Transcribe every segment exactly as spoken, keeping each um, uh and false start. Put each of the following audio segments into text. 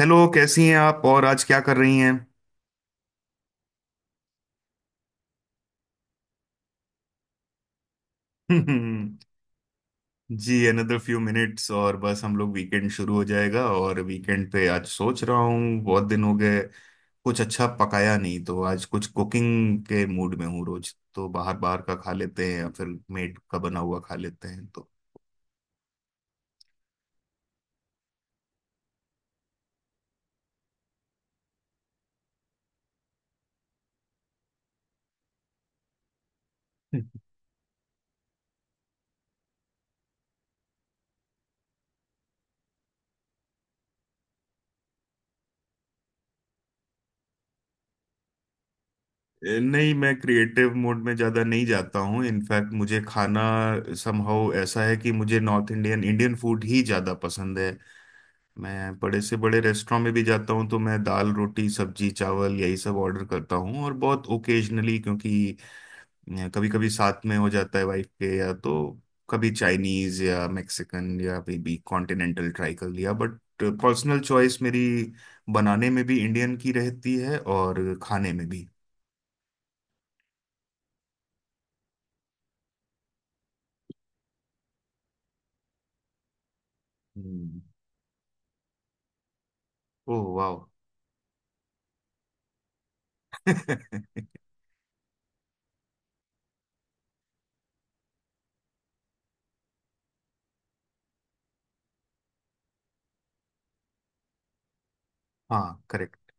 Hello, कैसी हैं आप और आज क्या कर रही हैं? जी, अनदर फ्यू मिनट्स और बस हम लोग वीकेंड शुरू हो जाएगा। और वीकेंड पे आज सोच रहा हूँ बहुत दिन हो गए कुछ अच्छा पकाया नहीं, तो आज कुछ कुकिंग के मूड में हूँ। रोज तो बाहर बाहर का खा लेते हैं या फिर मेड का बना हुआ खा लेते हैं तो। ए, नहीं मैं क्रिएटिव मोड में ज़्यादा नहीं जाता हूँ। इनफैक्ट मुझे खाना समहाउ ऐसा है कि मुझे नॉर्थ इंडियन इंडियन फूड ही ज़्यादा पसंद है। मैं बड़े से बड़े रेस्टोरेंट में भी जाता हूँ तो मैं दाल रोटी सब्जी चावल यही सब ऑर्डर करता हूँ। और बहुत ओकेजनली, क्योंकि कभी कभी साथ में हो जाता है वाइफ के, या तो कभी चाइनीज या मेक्सिकन या भी, भी कॉन्टिनेंटल ट्राई कर लिया। बट पर्सनल चॉइस मेरी बनाने में भी इंडियन की रहती है और खाने में भी। हम्म। ओह वाह। हाँ, करेक्ट।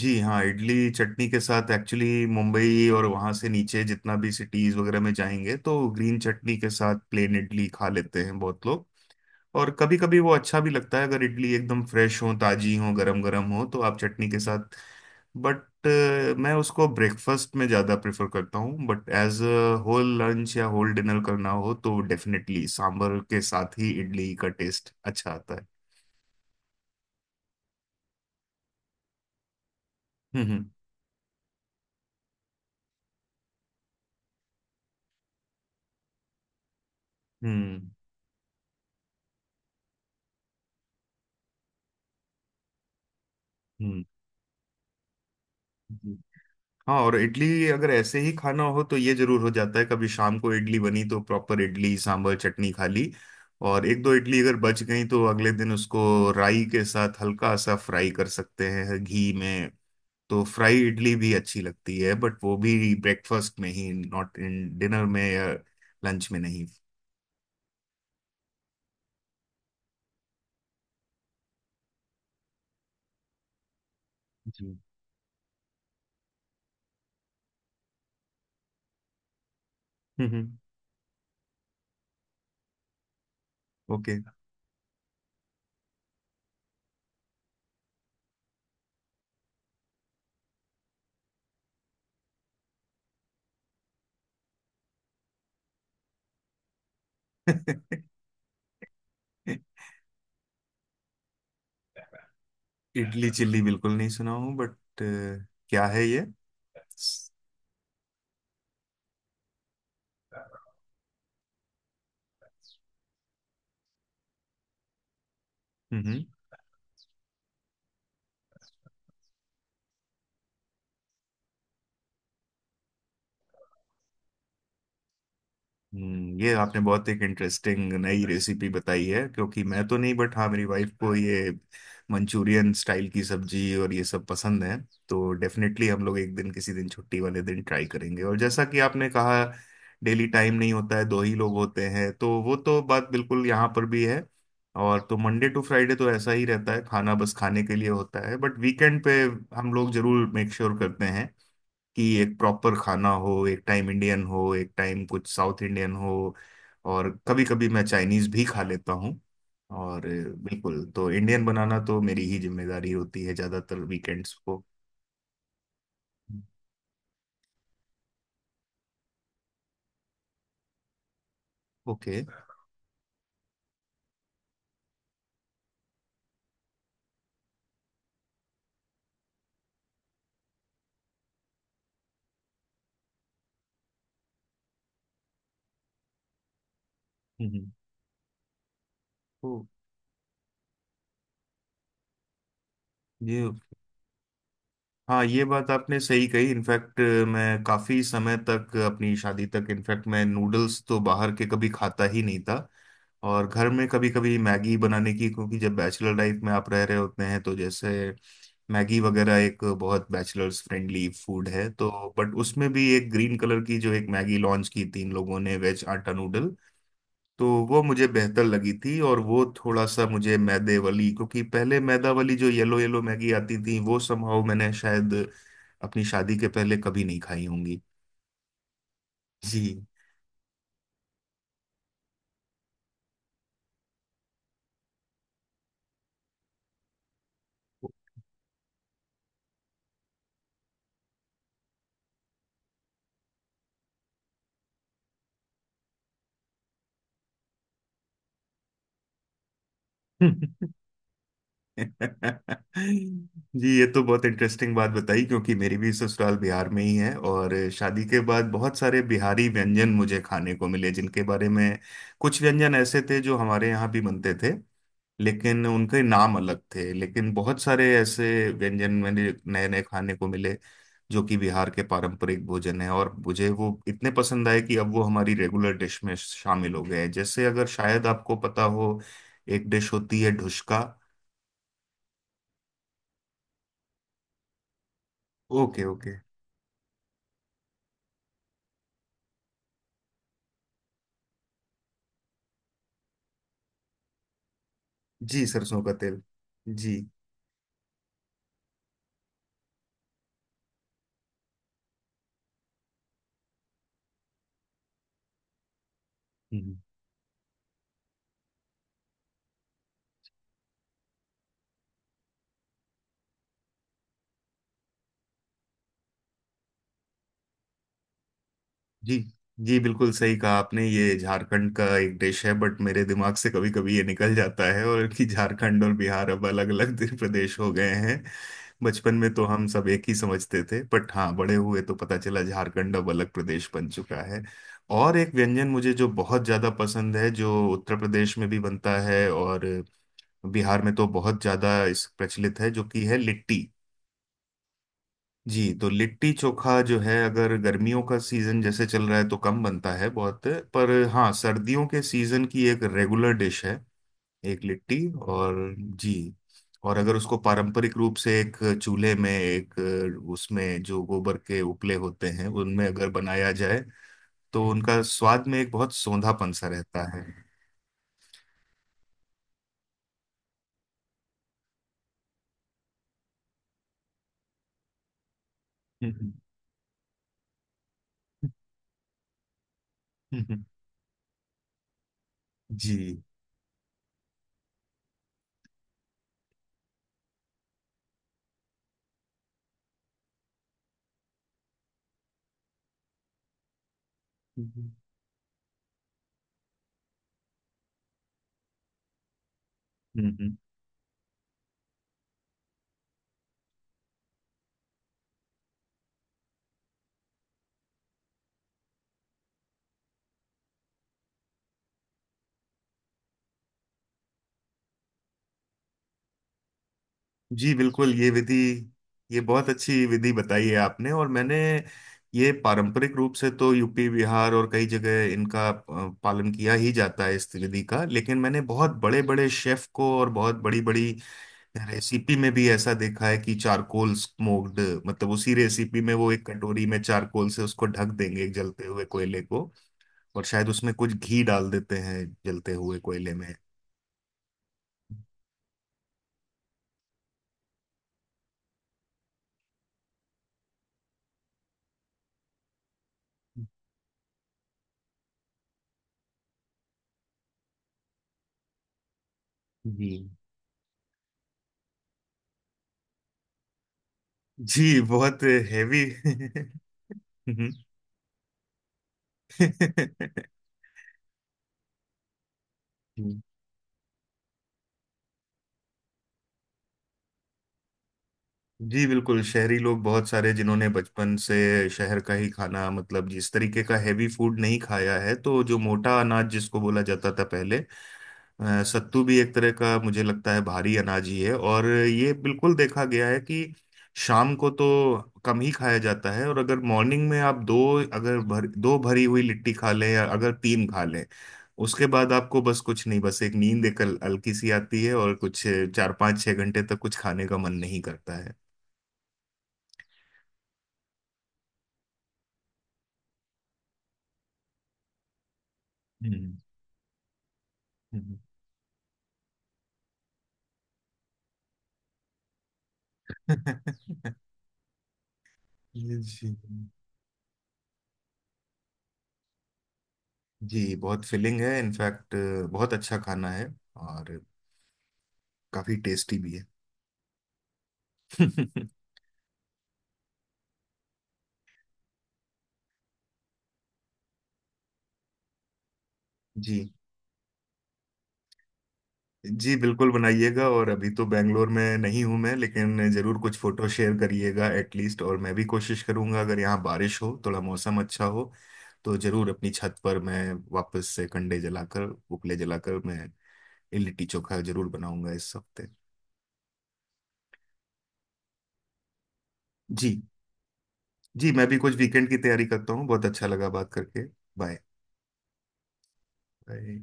जी हाँ, इडली चटनी के साथ एक्चुअली मुंबई और वहाँ से नीचे जितना भी सिटीज वगैरह में जाएंगे तो ग्रीन चटनी के साथ प्लेन इडली खा लेते हैं बहुत लोग। और कभी कभी वो अच्छा भी लगता है अगर इडली एकदम फ्रेश हो, ताजी हो, गरम गरम हो तो आप चटनी के साथ। बट मैं उसको ब्रेकफास्ट में ज़्यादा प्रेफर करता हूँ। But as a whole lunch या होल डिनर करना हो तो डेफिनेटली सांभर के साथ ही इडली का टेस्ट अच्छा आता है। हम्म, हम्म, हम्म, हम्म, हम्म। हाँ, और इडली अगर ऐसे ही खाना हो तो ये जरूर हो जाता है कभी शाम को इडली बनी तो प्रॉपर इडली सांभर चटनी खा ली, और एक दो इडली अगर बच गई तो अगले दिन उसको राई के साथ हल्का सा फ्राई कर सकते हैं घी में। तो फ्राई इडली भी अच्छी लगती है। बट वो भी ब्रेकफास्ट में ही, नॉट इन डिनर में या लंच में नहीं। जी। हम्म। ओके। इडली चिल्ली बिल्कुल नहीं सुना हूँ, बट क्या है ये? हम्म हम्म, ये आपने बहुत एक इंटरेस्टिंग नई रेसिपी बताई है, क्योंकि मैं तो नहीं, बट हाँ मेरी वाइफ को ये मंचूरियन स्टाइल की सब्जी और ये सब पसंद है। तो डेफिनेटली हम लोग एक दिन किसी दिन छुट्टी वाले दिन ट्राई करेंगे। और जैसा कि आपने कहा, डेली टाइम नहीं होता है, दो ही लोग होते हैं, तो वो तो बात बिल्कुल यहाँ पर भी है। और तो मंडे टू फ्राइडे तो ऐसा ही रहता है, खाना बस खाने के लिए होता है। बट वीकेंड पे हम लोग जरूर मेक श्योर करते हैं कि एक प्रॉपर खाना हो, एक टाइम इंडियन हो, एक टाइम कुछ साउथ इंडियन हो। और कभी कभी मैं चाइनीज भी खा लेता हूँ। और अ, बिल्कुल तो इंडियन बनाना तो मेरी ही जिम्मेदारी होती है ज्यादातर वीकेंड्स को। ओके। हम्म, तो ये, हाँ ये बात आपने सही कही। इनफैक्ट मैं काफी समय तक अपनी शादी तक, इनफैक्ट मैं नूडल्स तो बाहर के कभी खाता ही नहीं था। और घर में कभी कभी मैगी, बनाने की क्योंकि जब बैचलर लाइफ में आप रह रहे होते हैं तो जैसे मैगी वगैरह एक बहुत बैचलर्स फ्रेंडली फूड है तो। बट उसमें भी एक ग्रीन कलर की जो एक मैगी लॉन्च की तीन लोगों ने, वेज आटा नूडल, तो वो मुझे बेहतर लगी थी। और वो थोड़ा सा मुझे मैदे वाली, क्योंकि पहले मैदा वाली जो येलो येलो मैगी आती थी वो समहाउ मैंने शायद अपनी शादी के पहले कभी नहीं खाई होंगी। जी। जी, ये तो बहुत इंटरेस्टिंग बात बताई, क्योंकि मेरी भी ससुराल बिहार में ही है। और शादी के बाद बहुत सारे बिहारी व्यंजन मुझे खाने को मिले जिनके बारे में, कुछ व्यंजन ऐसे थे जो हमारे यहाँ भी बनते थे लेकिन उनके नाम अलग थे, लेकिन बहुत सारे ऐसे व्यंजन मैंने नए नए खाने को मिले जो कि बिहार के पारंपरिक भोजन है, और मुझे वो इतने पसंद आए कि अब वो हमारी रेगुलर डिश में शामिल हो गए हैं। जैसे अगर शायद आपको पता हो, एक डिश होती है ढुसका। Okay, okay. जी, सरसों का तेल। जी। जी जी बिल्कुल सही कहा आपने, ये झारखंड का एक डिश है। बट मेरे दिमाग से कभी कभी ये निकल जाता है, और कि झारखंड और बिहार अब अलग अलग प्रदेश हो गए हैं। बचपन में तो हम सब एक ही समझते थे, बट हाँ बड़े हुए तो पता चला झारखंड अब अलग प्रदेश बन चुका है। और एक व्यंजन मुझे जो बहुत ज्यादा पसंद है, जो उत्तर प्रदेश में भी बनता है और बिहार में तो बहुत ज्यादा इस प्रचलित है, जो कि है लिट्टी। जी, तो लिट्टी चोखा जो है, अगर गर्मियों का सीजन जैसे चल रहा है तो कम बनता है बहुत, पर हाँ सर्दियों के सीजन की एक रेगुलर डिश है एक लिट्टी। और जी, और अगर उसको पारंपरिक रूप से एक चूल्हे में, एक उसमें जो गोबर के उपले होते हैं उनमें अगर बनाया जाए तो उनका स्वाद में एक बहुत सोंधापन सा रहता है। जी, जी बिल्कुल ये विधि, ये बहुत अच्छी विधि बताई है आपने। और मैंने ये पारंपरिक रूप से तो यूपी बिहार और कई जगह इनका अ, पालन किया ही जाता है इस विधि का, लेकिन मैंने बहुत बड़े बड़े शेफ को और बहुत बड़ी बड़ी रेसिपी में भी ऐसा देखा है कि चारकोल स्मोक्ड, मतलब उसी रेसिपी में वो एक कटोरी में चारकोल से उसको ढक देंगे, एक जलते हुए कोयले को। और शायद उसमें कुछ घी डाल देते हैं जलते हुए कोयले में। जी। जी, बहुत हैवी। जी बिल्कुल, शहरी लोग बहुत सारे जिन्होंने बचपन से शहर का ही खाना, मतलब जिस तरीके का हैवी फूड नहीं खाया है, तो जो मोटा अनाज जिसको बोला जाता था पहले, अ, सत्तू भी एक तरह का मुझे लगता है भारी अनाज ही है। और ये बिल्कुल देखा गया है कि शाम को तो कम ही खाया जाता है, और अगर मॉर्निंग में आप दो, अगर भर, दो भरी हुई लिट्टी खा लें या अगर तीन खा लें, उसके बाद आपको बस कुछ नहीं, बस एक नींद एक हल- हल्की सी आती है, और कुछ चार पाँच छह घंटे तक कुछ खाने का मन नहीं करता है। हम्म। हम्म। जी। जी, बहुत फिलिंग है इनफैक्ट, बहुत अच्छा खाना है। और काफी टेस्टी भी है। जी, जी बिल्कुल बनाइएगा। और अभी तो बैंगलोर में नहीं हूं मैं, लेकिन जरूर कुछ फोटो शेयर करिएगा एटलीस्ट। और मैं भी कोशिश करूंगा, अगर यहाँ बारिश हो, थोड़ा मौसम अच्छा हो, तो जरूर अपनी छत पर मैं वापस से कंडे जलाकर, उपले जलाकर मैं लिट्टी चोखा जरूर बनाऊंगा इस हफ्ते। जी। जी, मैं भी कुछ वीकेंड की तैयारी करता हूँ। बहुत अच्छा लगा बात करके। बाय। बाय।